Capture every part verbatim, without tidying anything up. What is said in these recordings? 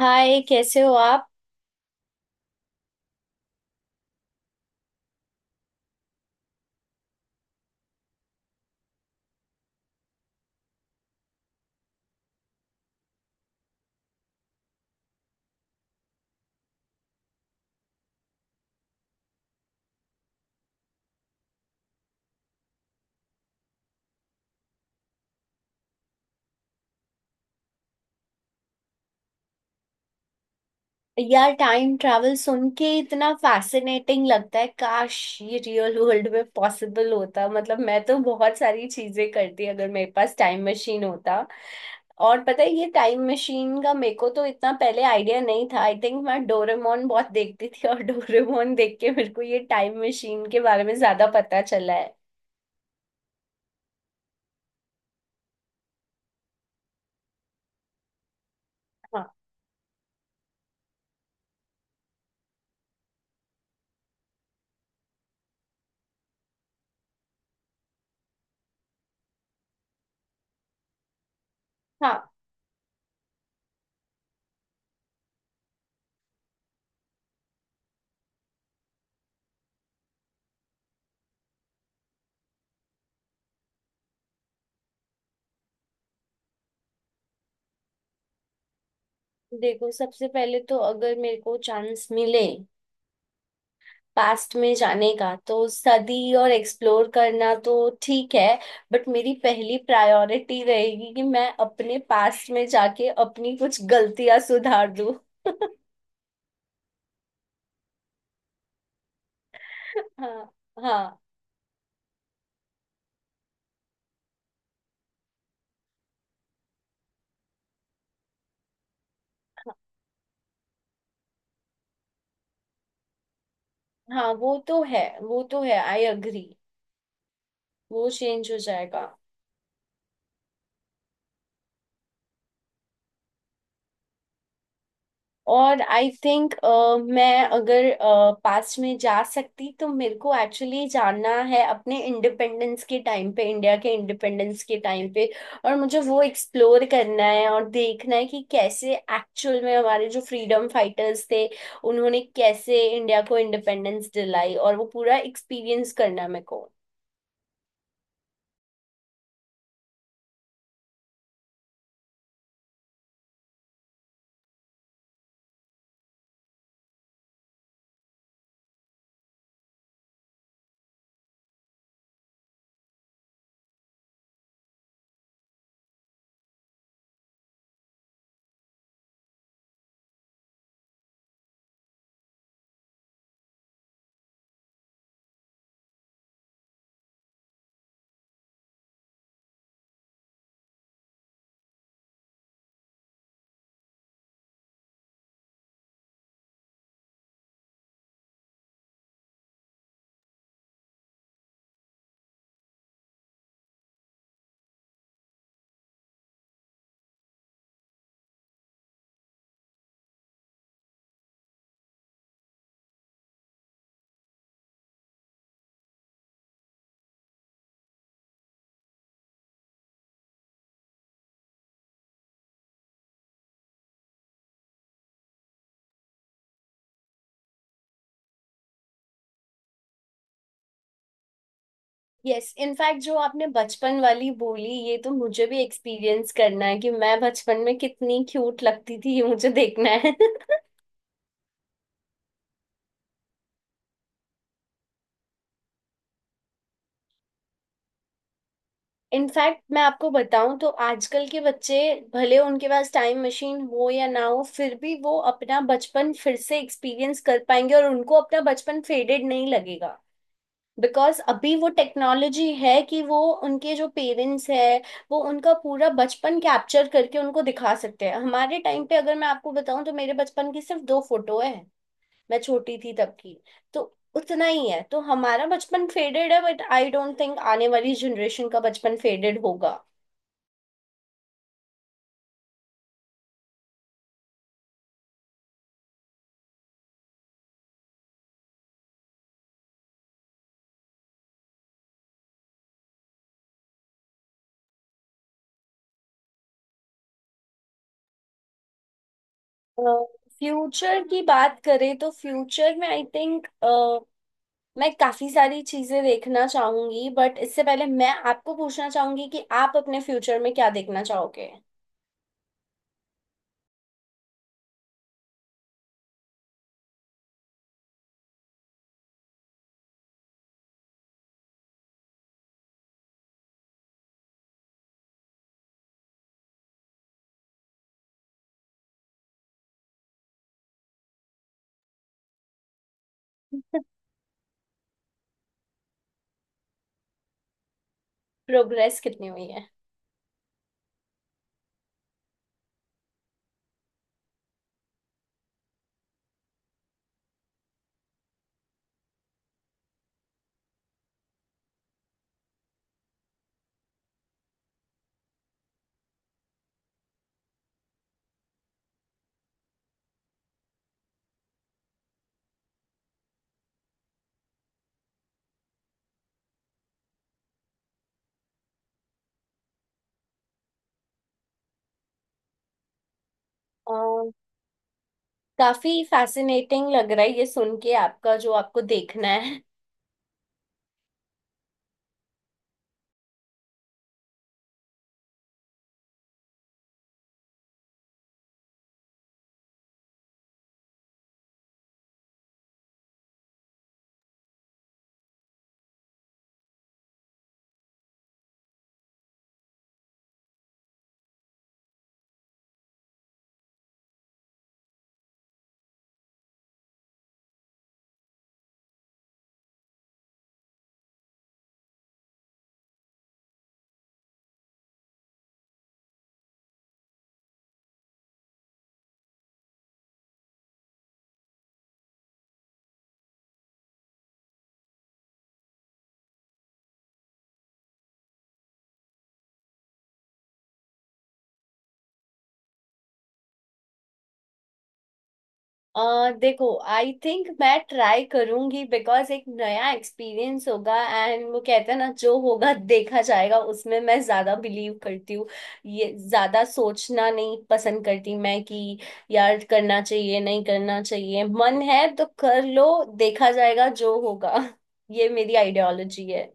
हाय, कैसे हो आप? यार, टाइम ट्रैवल सुन के इतना फैसिनेटिंग लगता है। काश ये रियल वर्ल्ड में पॉसिबल होता। मतलब मैं तो बहुत सारी चीजें करती अगर मेरे पास टाइम मशीन होता। और पता है, ये टाइम मशीन का मेरे को तो इतना पहले आइडिया नहीं था। आई थिंक मैं डोरेमोन बहुत देखती थी और डोरेमोन देख के मेरे को ये टाइम मशीन के बारे में ज्यादा पता चला है। हाँ। हाँ। देखो, सबसे पहले तो अगर मेरे को चांस मिले पास्ट में जाने का, तो सदी और एक्सप्लोर करना तो ठीक है, बट मेरी पहली प्रायोरिटी रहेगी कि मैं अपने पास्ट में जाके अपनी कुछ गलतियां सुधार दूं। हाँ। हाँ। हाँ, वो तो है, वो तो है, आई अग्री। वो चेंज हो जाएगा। और आई थिंक, मैं अगर पास्ट में जा सकती, तो मेरे को एक्चुअली जानना है अपने इंडिपेंडेंस के टाइम पे, इंडिया के इंडिपेंडेंस के टाइम पे। और मुझे वो एक्सप्लोर करना है और देखना है कि कैसे एक्चुअल में हमारे जो फ्रीडम फाइटर्स थे, उन्होंने कैसे इंडिया को इंडिपेंडेंस दिलाई, और वो पूरा एक्सपीरियंस करना है मेरे को। यस, इनफैक्ट जो आपने बचपन वाली बोली, ये तो मुझे भी एक्सपीरियंस करना है कि मैं बचपन में कितनी क्यूट लगती थी, ये मुझे देखना है। इनफैक्ट मैं आपको बताऊं तो आजकल के बच्चे, भले उनके पास टाइम मशीन हो या ना हो, फिर भी वो अपना बचपन फिर से एक्सपीरियंस कर पाएंगे और उनको अपना बचपन फेडेड नहीं लगेगा। बिकॉज अभी वो टेक्नोलॉजी है कि वो, उनके जो पेरेंट्स है, वो उनका पूरा बचपन कैप्चर करके उनको दिखा सकते हैं। हमारे टाइम पे अगर मैं आपको बताऊं तो मेरे बचपन की सिर्फ दो फोटो है, मैं छोटी थी तब की। तो उतना ही है। तो हमारा बचपन फेडेड है, बट आई डोंट थिंक आने वाली जनरेशन का बचपन फेडेड होगा। फ्यूचर की बात करें तो फ्यूचर में आई थिंक मैं काफी सारी चीजें देखना चाहूंगी, बट इससे पहले मैं आपको पूछना चाहूंगी कि आप अपने फ्यूचर में क्या देखना चाहोगे? प्रोग्रेस कितनी हुई है? अ, काफी फैसिनेटिंग लग रहा है ये सुन के, आपका जो आपको देखना है। अ देखो, आई थिंक मैं ट्राई करूंगी बिकॉज एक नया एक्सपीरियंस होगा। एंड वो कहते हैं ना, जो होगा देखा जाएगा, उसमें मैं ज्यादा बिलीव करती हूँ। ये ज्यादा सोचना नहीं पसंद करती मैं कि यार करना चाहिए नहीं करना चाहिए। मन है तो कर लो, देखा जाएगा जो होगा। ये मेरी आइडियोलॉजी है।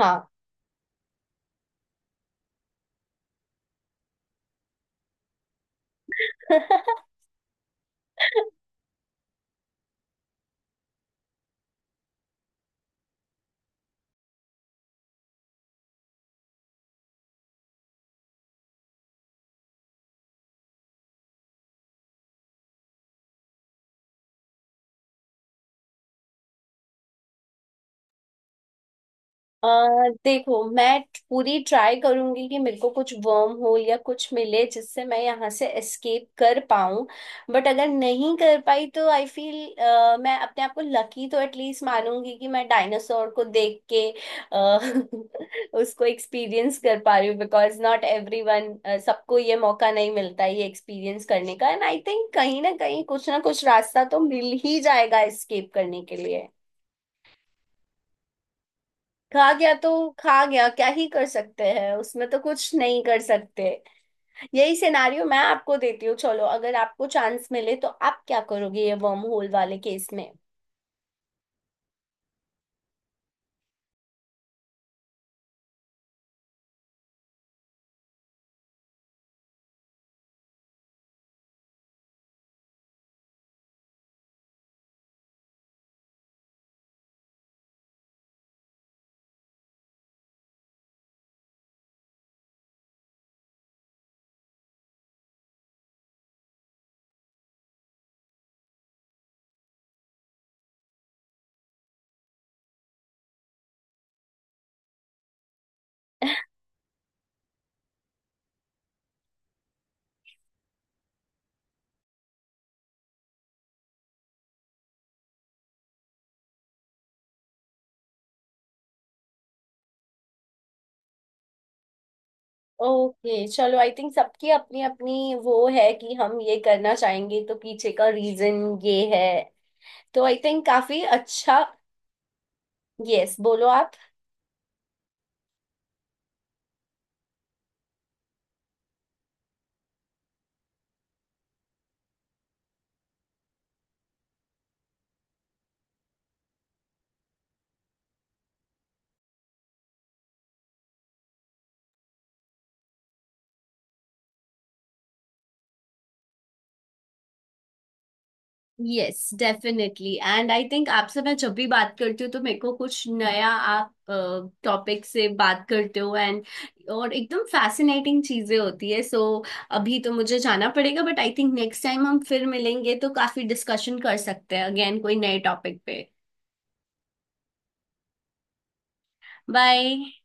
हाँ। अ देखो, मैं ट- पूरी ट्राई करूंगी कि मेरे को कुछ वर्म होल या कुछ मिले जिससे मैं यहाँ से एस्केप कर पाऊं। बट अगर नहीं कर पाई तो आई फील मैं अपने आप को लकी तो एटलीस्ट मानूंगी कि मैं डायनासोर को देख के अ, उसको एक्सपीरियंस कर पा रही हूँ। बिकॉज नॉट एवरीवन, सबको ये मौका नहीं मिलता ये एक्सपीरियंस करने का। एंड आई थिंक कहीं ना कहीं कुछ ना कुछ रास्ता तो मिल ही जाएगा एस्केप करने के लिए। खा गया तो खा गया, क्या ही कर सकते हैं, उसमें तो कुछ नहीं कर सकते। यही सिनारियो मैं आपको देती हूँ। चलो, अगर आपको चांस मिले तो आप क्या करोगे ये वर्म होल वाले केस में? ओके। चलो, आई थिंक सबकी अपनी अपनी वो है कि हम ये करना चाहेंगे तो पीछे का रीजन ये है। तो आई थिंक काफी अच्छा। यस, बोलो आप। Yes, definitely. And I think आपसे मैं जब भी बात करती हूँ तो मेरे को कुछ नया आप टॉपिक से बात करते हो, एंड और एकदम फैसिनेटिंग चीजें होती है। सो so, अभी तो मुझे जाना पड़ेगा, but I think next time हम फिर मिलेंगे तो काफी डिस्कशन कर सकते हैं अगेन कोई नए टॉपिक पे। बाय।